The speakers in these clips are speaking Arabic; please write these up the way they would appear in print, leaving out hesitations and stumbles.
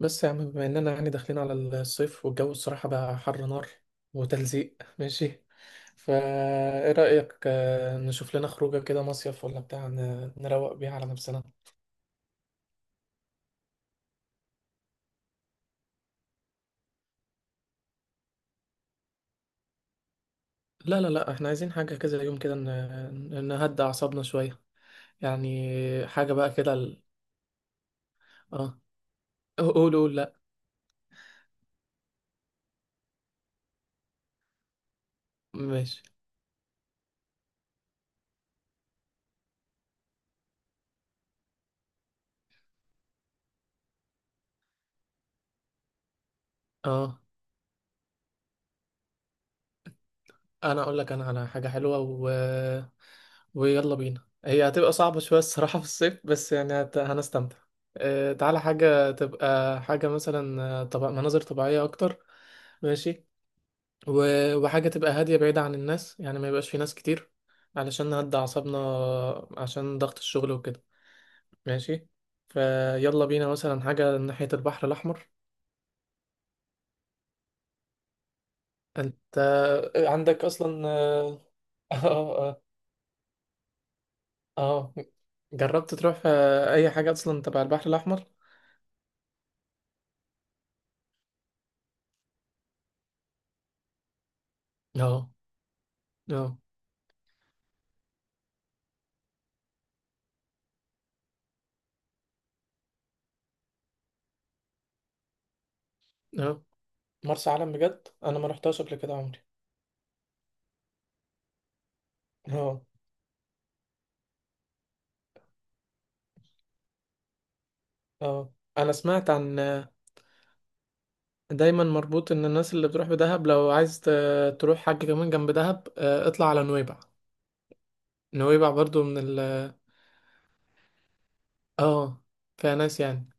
بس يا عم، بما اننا يعني داخلين على الصيف، والجو الصراحة بقى حر نار وتلزيق. ماشي. فا، ايه رأيك، نشوف لنا خروجة كده مصيف ولا بتاع نروق بيها على نفسنا؟ لا لا لا، احنا عايزين حاجة كده يوم كده نهدى اعصابنا شوية. يعني حاجة بقى كده اه، قول قول. لا. ماشي. اه، انا اقول لك، انا على حاجة حلوة. ويلا بينا. هي هتبقى صعبة شوية الصراحة في الصيف، بس يعني هنستمتع. تعالى حاجة تبقى، حاجة مثلا، طب مناظر طبيعية أكتر. ماشي. وحاجة تبقى هادية بعيدة عن الناس، يعني ما يبقاش في ناس كتير، علشان نهدى أعصابنا، عشان ضغط الشغل وكده. ماشي. فيلا بينا مثلا حاجة ناحية البحر الأحمر. أنت عندك أصلا. آه، آه، آه. جربت تروح أي حاجة أصلا تبع البحر الأحمر؟ اه، اه، اه. مرسى علم بجد، انا ما رحتهاش قبل كده عمري. اه، اه، انا سمعت عن. دايما مربوط ان الناس اللي بتروح بدهب، لو عايز تروح حاجة كمان جنب دهب، اطلع على نويبع. نويبع برضو من اه، فيها ناس يعني.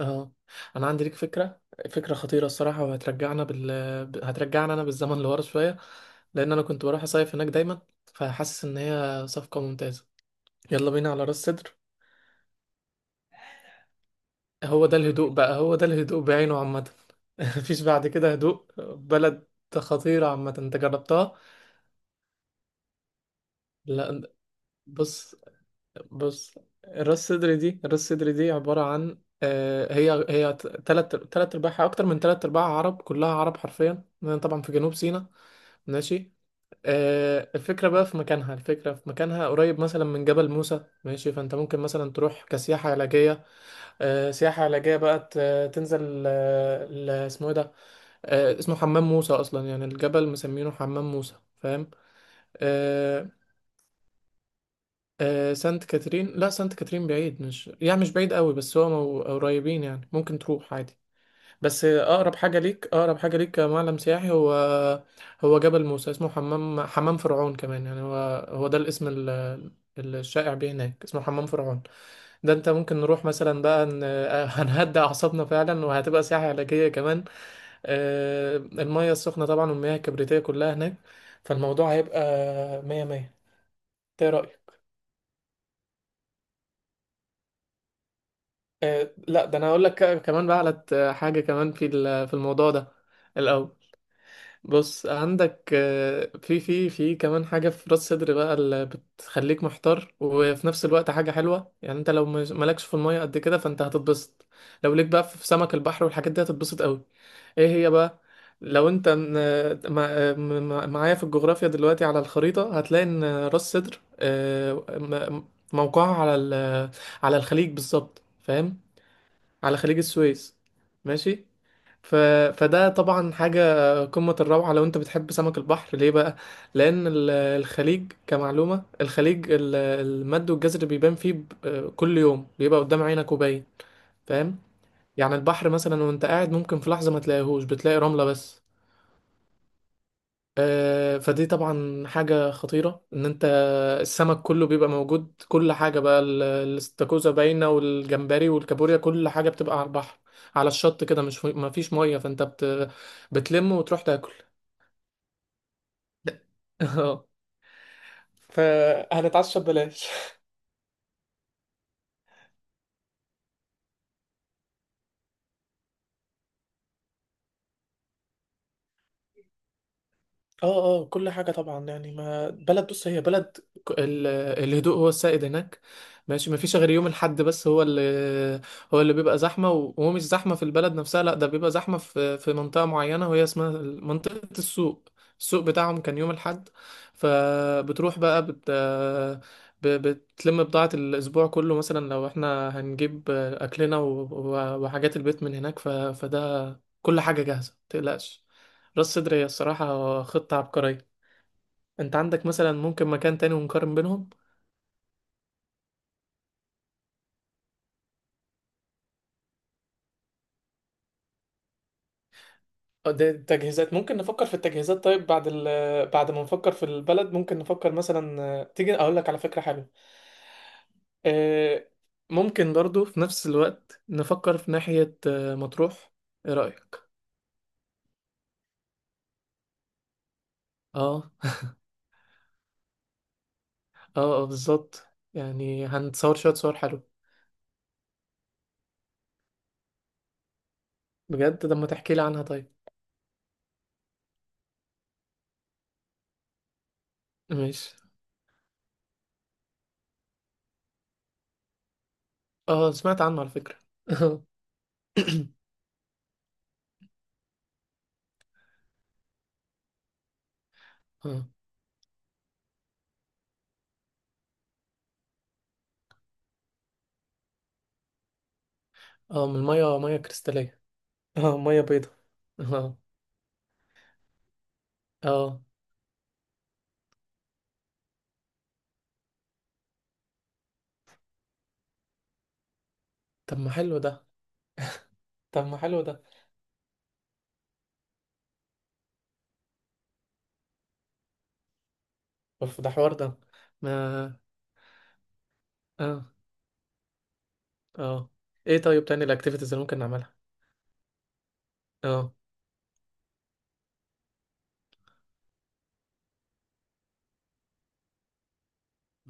اه، انا عندي ليك فكرة. فكرة خطيرة الصراحة، وهترجعنا هترجعنا انا بالزمن لورا شوية، لان انا كنت بروح اصيف هناك دايما. فحاسس ان هي صفقة ممتازة. يلا بينا على راس سدر. هو ده الهدوء بقى، هو ده الهدوء بعينه عامة. مفيش بعد كده هدوء. بلد خطيرة عامة، انت جربتها؟ لا. بص، بص. راس صدري دي، راس صدري دي عبارة عن هي، تلات أرباعها، أكتر من تلات أرباعها عرب، كلها عرب حرفيا، لأن طبعا في جنوب سيناء. ماشي. الفكرة بقى في مكانها، الفكرة في مكانها، قريب مثلا من جبل موسى. ماشي. فأنت ممكن مثلا تروح كسياحة علاجية، سياحة علاجية بقى. تنزل، اسمه ايه ده؟ اسمه حمام موسى اصلا، يعني الجبل مسمينه حمام موسى، فاهم؟ آه. آه، سانت كاترين. لا، سانت كاترين بعيد، مش، يعني مش بعيد قوي، بس هو قريبين، يعني ممكن تروح عادي. بس اقرب حاجه ليك، اقرب حاجه ليك كمعلم سياحي، هو جبل موسى. اسمه حمام، فرعون كمان، يعني هو، هو ده الاسم الشائع بيه هناك، اسمه حمام فرعون. ده انت ممكن نروح مثلا بقى، هنهدى اعصابنا فعلا، وهتبقى سياحه علاجيه كمان. المية السخنة طبعا، والمياه الكبريتية كلها هناك. فالموضوع هيبقى مية مية. ايه رأيك؟ لا، ده انا هقول لك كمان بقى على حاجة كمان في في الموضوع ده. الأول بص، عندك في، في كمان حاجة في راس صدر بقى، اللي بتخليك محتار، وفي نفس الوقت حاجة حلوة. يعني انت لو مالكش في المية قد كده، فانت هتتبسط. لو ليك بقى في سمك البحر والحاجات دي، هتتبسط قوي. ايه هي بقى؟ لو انت معايا في الجغرافيا دلوقتي على الخريطة، هتلاقي ان راس صدر، موقعها على على الخليج بالظبط، فاهم؟ على خليج السويس. ماشي. ف... فده طبعا حاجة قمة الروعة، لو انت بتحب سمك البحر. ليه بقى؟ لأن الخليج كمعلومة، الخليج، المد والجزر بيبان فيه كل يوم، بيبقى قدام عينك وباين، فاهم؟ يعني البحر مثلا وانت قاعد، ممكن في لحظة ما تلاقيهوش، بتلاقي رملة بس. فدي طبعا حاجة خطيرة، ان انت، السمك كله بيبقى موجود، كل حاجة بقى، الاستاكوزا باينة، والجمبري والكابوريا، كل حاجة بتبقى على البحر، على الشط كده، مش مفيش مية، فانت بتلم وتروح تاكل. اه، فهنتعشى ببلاش. اه، اه، كل حاجة طبعا. يعني ما بلد، بص، هي بلد، ك- ال- الهدوء هو السائد هناك. ماشي. ما فيش غير يوم الحد بس، هو اللي بيبقى زحمة، وهو مش زحمة في البلد نفسها، لا، ده بيبقى زحمة في منطقة معينة، وهي اسمها منطقة السوق. السوق بتاعهم كان يوم الحد. فبتروح بقى، بتلم بضاعة الأسبوع كله مثلا، لو احنا هنجيب أكلنا وحاجات البيت من هناك. فده كل حاجة جاهزة، متقلقش. راس صدر هي الصراحة خطة عبقرية. انت عندك مثلا ممكن مكان تاني ونقارن بينهم؟ اه، ده التجهيزات ممكن نفكر في التجهيزات. طيب، بعد ما نفكر في البلد، ممكن نفكر مثلا، تيجي اقول لك على فكرة حلوة. اه، ممكن برضو في نفس الوقت نفكر في ناحية، مطروح. ايه رأيك؟ اه، اه، بالظبط. يعني هنتصور شوية صور حلوة. بجد؟ لما تحكي لي عنها طيب. ماشي. اه، سمعت عنه على فكرة. اه، اه. من المية، مية كريستالية. اه، ميه بيضة. اه، اه. طب ما حلو ده، طب ما حلو ده. اوف، ده حوار ده. ما. اه، اه. ايه طيب تاني، الاكتيفيتيز اللي ممكن نعملها؟ اه،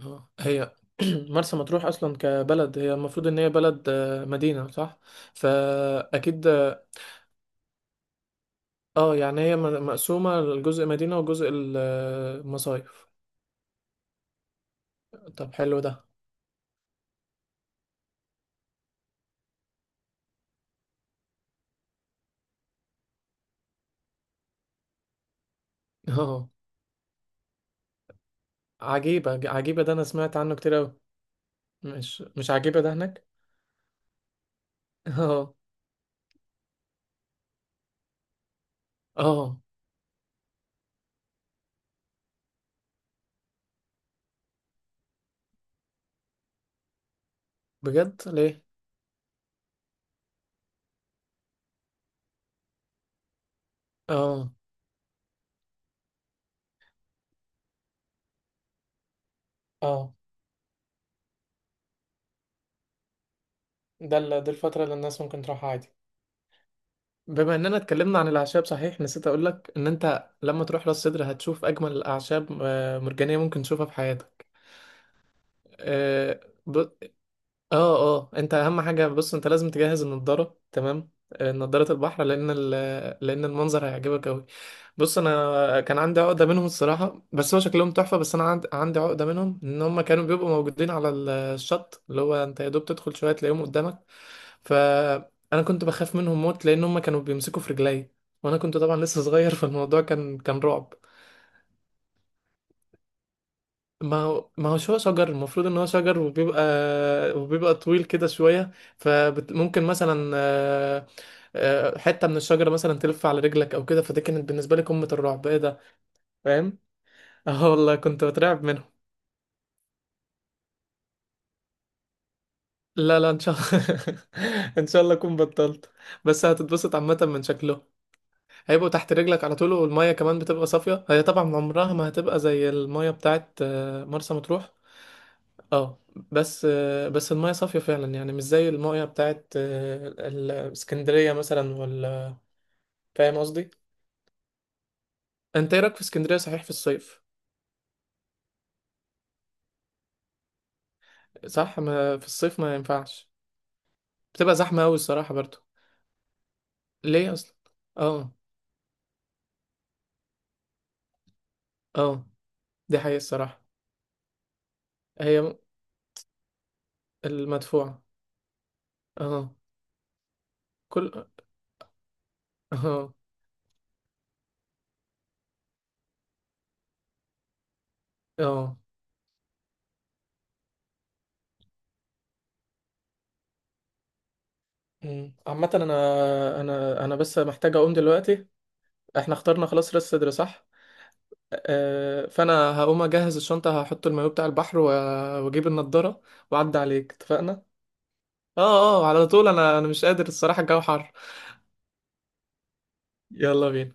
اه. هي مرسى مطروح اصلا كبلد، هي المفروض ان هي بلد، مدينة، صح؟ فاكيد. اه. يعني هي مقسومة لجزء مدينة وجزء المصايف. طب حلو ده. اه، عجيبة، عجيبة ده انا سمعت عنه كتير اوي. مش، عجيبة ده هناك. اه، اه. بجد؟ ليه؟ اه، اه. دي الفترة اللي الناس ممكن تروحها عادي. بما اننا اتكلمنا عن الاعشاب، صحيح، نسيت اقولك، ان انت لما تروح راس سدر، هتشوف اجمل الاعشاب، مرجانيه، ممكن تشوفها في حياتك. اه. ب... اه، اه. انت اهم حاجه، بص، انت لازم تجهز النضاره، تمام؟ نضاره البحر، لان لان المنظر هيعجبك قوي. بص، انا كان عندي عقده منهم الصراحه، بس هو شكلهم تحفه، بس انا عندي عقده منهم، ان هم كانوا بيبقوا موجودين على الشط، اللي هو انت يا دوب تدخل شويه، تلاقيهم قدامك. فانا كنت بخاف منهم موت، لان هم كانوا بيمسكوا في رجلي. وانا كنت طبعا لسه صغير. فالموضوع كان رعب. ما هو، ما هوش هو شجر، المفروض ان هو شجر، وبيبقى طويل كده شويه. فممكن مثلا، حته من الشجره مثلا تلف على رجلك او كده، فدي كانت بالنسبه لي قمه الرعب، ايه ده! فاهم؟ اه والله، كنت بترعب منهم. لا، لا، ان شاء الله. ان شاء الله اكون بطلت. بس هتتبسط عامه من شكله. هيبقوا تحت رجلك على طول، والميه كمان بتبقى صافيه. هي طبعا عمرها ما هتبقى زي الميه بتاعت مرسى مطروح. اه. بس بس الميه صافيه فعلا، يعني مش زي الميه بتاعت اسكندريه مثلا، ولا، فاهم قصدي؟ انت ايه رايك في اسكندريه صحيح، في الصيف؟ صح، ما في الصيف ما ينفعش. بتبقى زحمه قوي الصراحه برضو. ليه اصلا؟ اه، اه، دي حقيقة الصراحة. هي المدفوعة. اه، كل، اه، اه. عامة، انا بس محتاج اقوم دلوقتي. احنا اخترنا خلاص، راس صدر، صح؟ فانا هقوم اجهز الشنطة، هحط المايو بتاع البحر واجيب النضارة، واعدي عليك، اتفقنا؟ اه، اه، على طول. انا مش قادر الصراحة، الجو حر. يلا بينا.